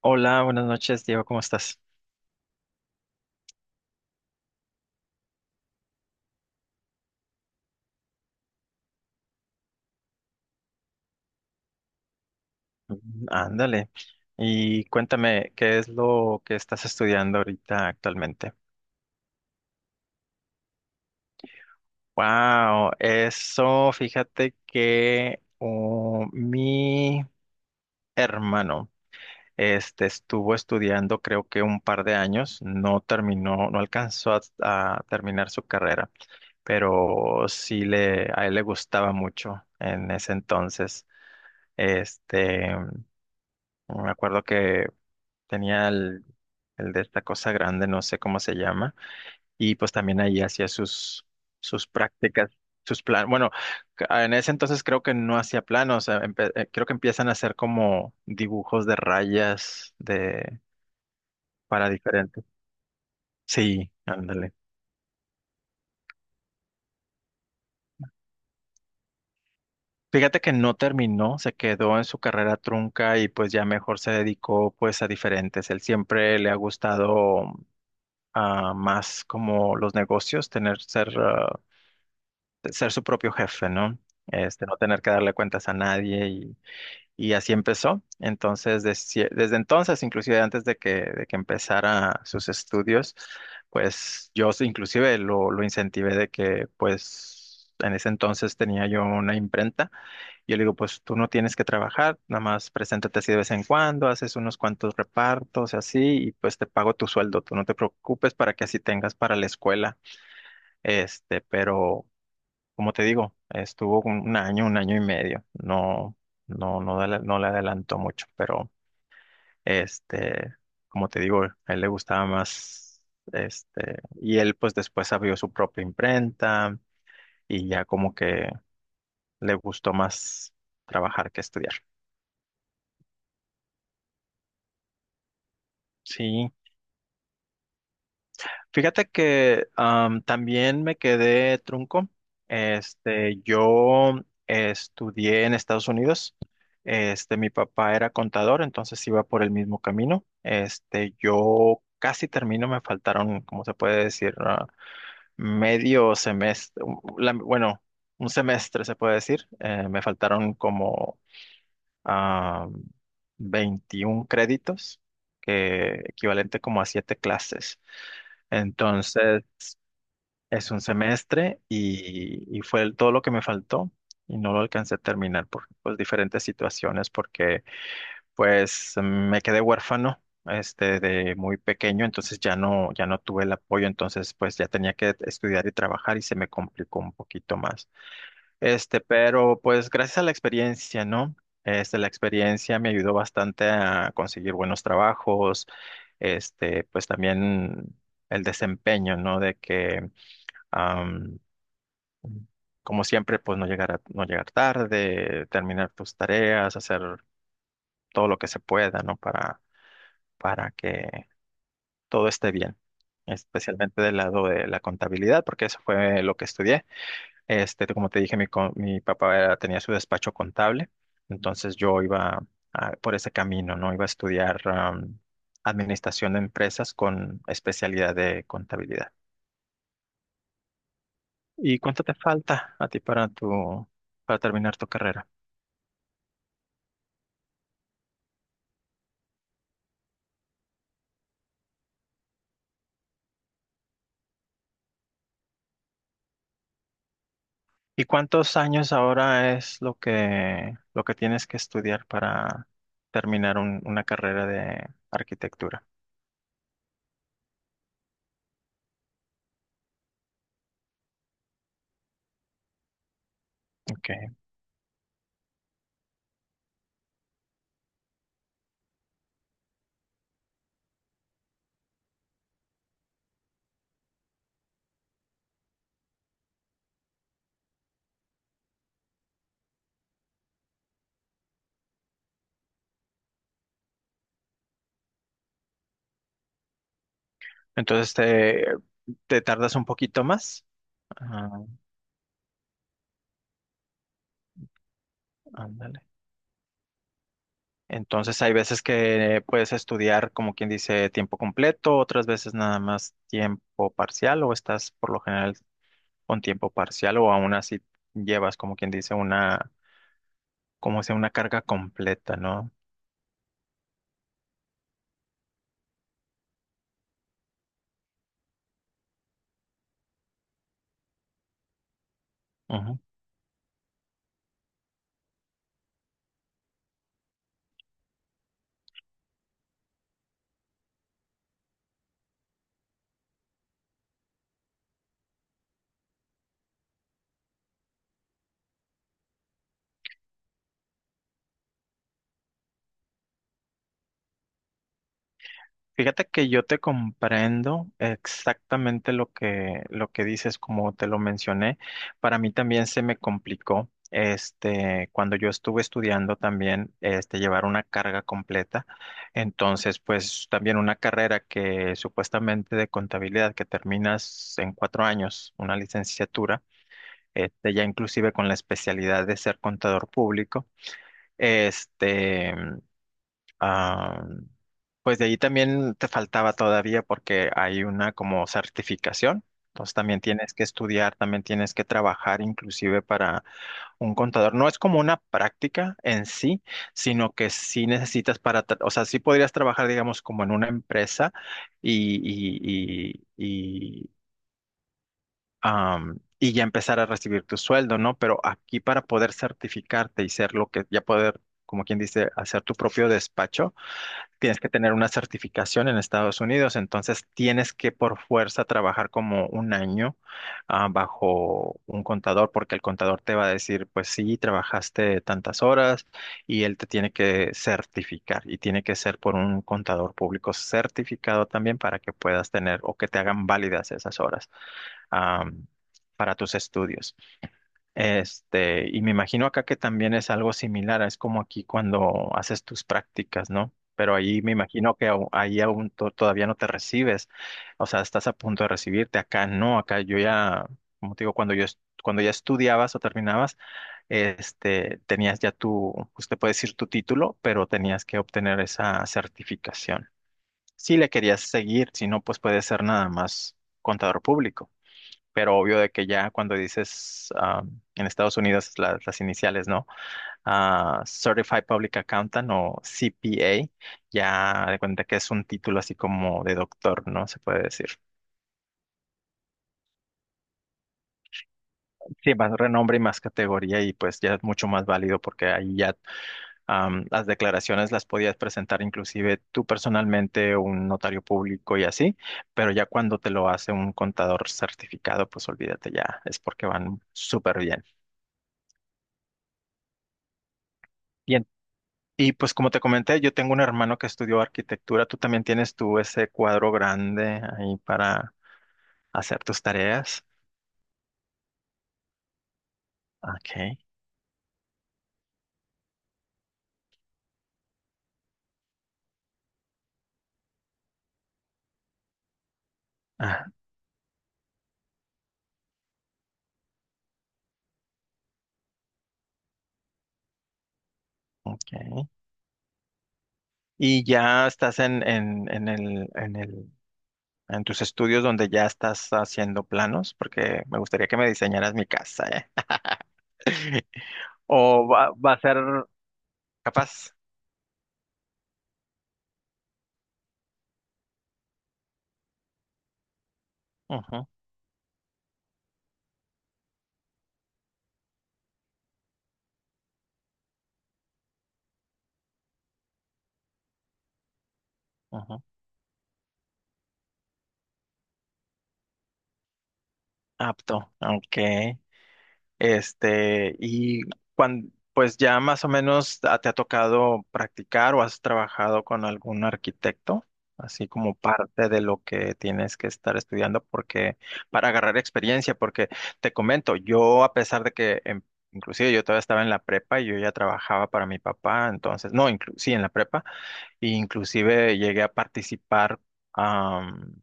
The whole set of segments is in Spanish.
Hola, buenas noches, Diego, ¿cómo estás? Mm, ándale. Y cuéntame, ¿qué es lo que estás estudiando ahorita actualmente? Wow, eso, fíjate que oh, mi hermano estuvo estudiando creo que un par de años, no terminó, no alcanzó a terminar su carrera, pero sí a él le gustaba mucho en ese entonces. Este, me acuerdo que tenía el de esta cosa grande, no sé cómo se llama, y pues también ahí hacía sus prácticas, sus planos. Bueno, en ese entonces creo que no hacía planos, creo que empiezan a hacer como dibujos de rayas de, para diferentes. Sí, ándale. Fíjate que no terminó, se quedó en su carrera trunca y pues ya mejor se dedicó pues a diferentes. Él siempre le ha gustado más como los negocios, ser su propio jefe, ¿no? No tener que darle cuentas a nadie y así empezó. Entonces, desde entonces, inclusive antes de que empezara sus estudios, pues inclusive lo incentivé de que, pues, en ese entonces tenía yo una imprenta. Yo le digo, pues tú no tienes que trabajar, nada más preséntate así de vez en cuando, haces unos cuantos repartos así y pues te pago tu sueldo, tú no te preocupes para que así tengas para la escuela. Pero como te digo, estuvo un año, un año y medio. No, no, no, no le adelantó mucho, pero este, como te digo, a él le gustaba más, y él pues después abrió su propia imprenta y ya como que le gustó más trabajar que estudiar. Sí, fíjate que también me quedé trunco. Yo estudié en Estados Unidos. Mi papá era contador, entonces iba por el mismo camino. Yo casi termino, me faltaron, como se puede decir, medio semestre, bueno, un semestre se puede decir. Me faltaron como ah, 21 créditos, que equivalente como a siete clases. Entonces, es un semestre y fue todo lo que me faltó y no lo alcancé a terminar por pues, diferentes situaciones porque pues me quedé huérfano de muy pequeño, entonces ya no tuve el apoyo, entonces pues ya tenía que estudiar y trabajar y se me complicó un poquito más. Pero pues gracias a la experiencia, ¿no? La experiencia me ayudó bastante a conseguir buenos trabajos, pues también el desempeño, ¿no? De que como siempre, pues no llegar tarde, terminar tus tareas, hacer todo lo que se pueda, ¿no? Para que todo esté bien, especialmente del lado de la contabilidad, porque eso fue lo que estudié. Como te dije, mi papá tenía su despacho contable, entonces yo iba por ese camino, ¿no? Iba a estudiar administración de empresas con especialidad de contabilidad. ¿Y cuánto te falta a ti para terminar tu carrera? ¿Y cuántos años ahora es lo que tienes que estudiar para terminar una carrera de arquitectura? Okay. Entonces te tardas un poquito más. Ah, ándale. Entonces hay veces que puedes estudiar, como quien dice, tiempo completo, otras veces nada más tiempo parcial, o estás por lo general con tiempo parcial, o aún así llevas, como quien dice, una, como sea, una carga completa, ¿no? Ujú. Fíjate que yo te comprendo exactamente lo que dices, como te lo mencioné. Para mí también se me complicó, cuando yo estuve estudiando también, llevar una carga completa. Entonces, pues también una carrera que supuestamente de contabilidad que terminas en cuatro años, una licenciatura, ya inclusive con la especialidad de ser contador público, este, ah, pues de ahí también te faltaba todavía porque hay una como certificación. Entonces también tienes que estudiar, también tienes que trabajar inclusive para un contador. No es como una práctica en sí, sino que sí necesitas o sea, sí podrías trabajar, digamos, como en una empresa y, y, y, y, y ya empezar a recibir tu sueldo, ¿no? Pero aquí para poder certificarte y ser lo que, ya poder, como quien dice, hacer tu propio despacho tienes que tener una certificación en Estados Unidos, entonces tienes que por fuerza trabajar como un año bajo un contador, porque el contador te va a decir, pues sí, trabajaste tantas horas y él te tiene que certificar y tiene que ser por un contador público certificado también para que puedas tener o que te hagan válidas esas horas ah, para tus estudios. Y me imagino acá que también es algo similar, es como aquí cuando haces tus prácticas, ¿no? Pero ahí me imagino que ahí todavía no te recibes, o sea, estás a punto de recibirte, acá no, acá yo ya, como te digo, cuando ya estudiabas o terminabas, tenías ya tu, usted puede decir, tu título, pero tenías que obtener esa certificación. Si le querías seguir, si no, pues puede ser nada más contador público, pero obvio de que ya cuando dices en Estados Unidos las iniciales, ¿no? Certified Public Accountant o CPA, ya de cuenta que es un título así como de doctor, ¿no? Se puede decir. Sí, más renombre y más categoría y pues ya es mucho más válido porque ahí ya las declaraciones las podías presentar inclusive tú personalmente, un notario público y así, pero ya cuando te lo hace un contador certificado, pues olvídate ya, es porque van súper bien. Y Y pues como te comenté, yo tengo un hermano que estudió arquitectura. Tú también tienes tú ese cuadro grande ahí para hacer tus tareas. Ok. Ah, ok. Y ya estás en tus estudios donde ya estás haciendo planos, porque me gustaría que me diseñaras mi casa, ¿eh? O va a ser capaz. Ujú, ujú. Apto. Ok. Y cuando, pues ya más o menos te ha tocado practicar o has trabajado con algún arquitecto, así como parte de lo que tienes que estar estudiando porque para agarrar experiencia, porque te comento, yo a pesar de que inclusive yo todavía estaba en la prepa y yo ya trabajaba para mi papá, entonces, no, sí, en la prepa, e inclusive llegué a participar am,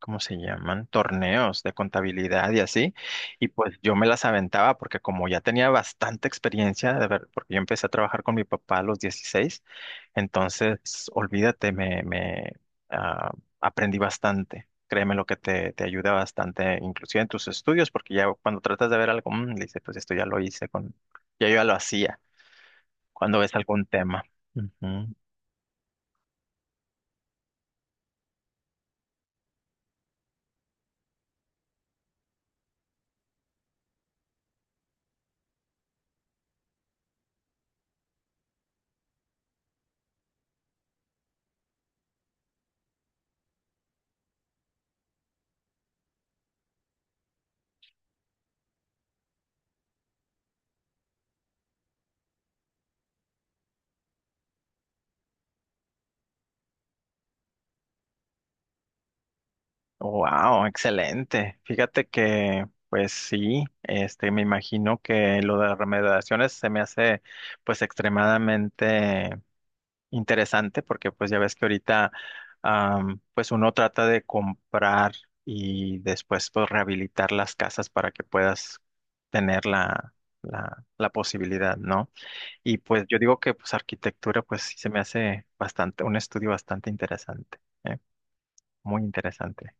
¿cómo se llaman? Torneos de contabilidad y así. Y pues yo me las aventaba porque como ya tenía bastante experiencia, de ver, porque yo empecé a trabajar con mi papá a los 16. Entonces olvídate, ah, aprendí bastante. Créeme lo que te ayuda bastante, inclusive en tus estudios, porque ya cuando tratas de ver algo, le dices, pues esto ya lo hice ya yo ya lo hacía, cuando ves algún tema. Ujú. Wow, excelente. Fíjate que, pues sí, me imagino que lo de las remediaciones se me hace, pues, extremadamente interesante, porque, pues, ya ves que ahorita, pues, uno trata de comprar y después, pues, rehabilitar las casas para que puedas tener la posibilidad, ¿no? Y, pues, yo digo que, pues, arquitectura, pues, sí se me hace bastante, un estudio bastante interesante, ¿eh? Muy interesante.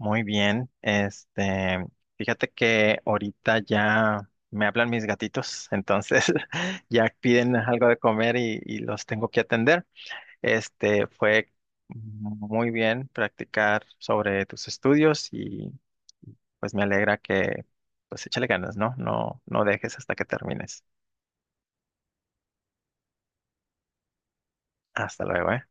Muy bien, fíjate que ahorita ya me hablan mis gatitos, entonces ya piden algo de comer y los tengo que atender. Fue muy bien practicar sobre tus estudios y pues me alegra que pues échale ganas, ¿no? No, no dejes hasta que termines. Hasta luego, ¿eh?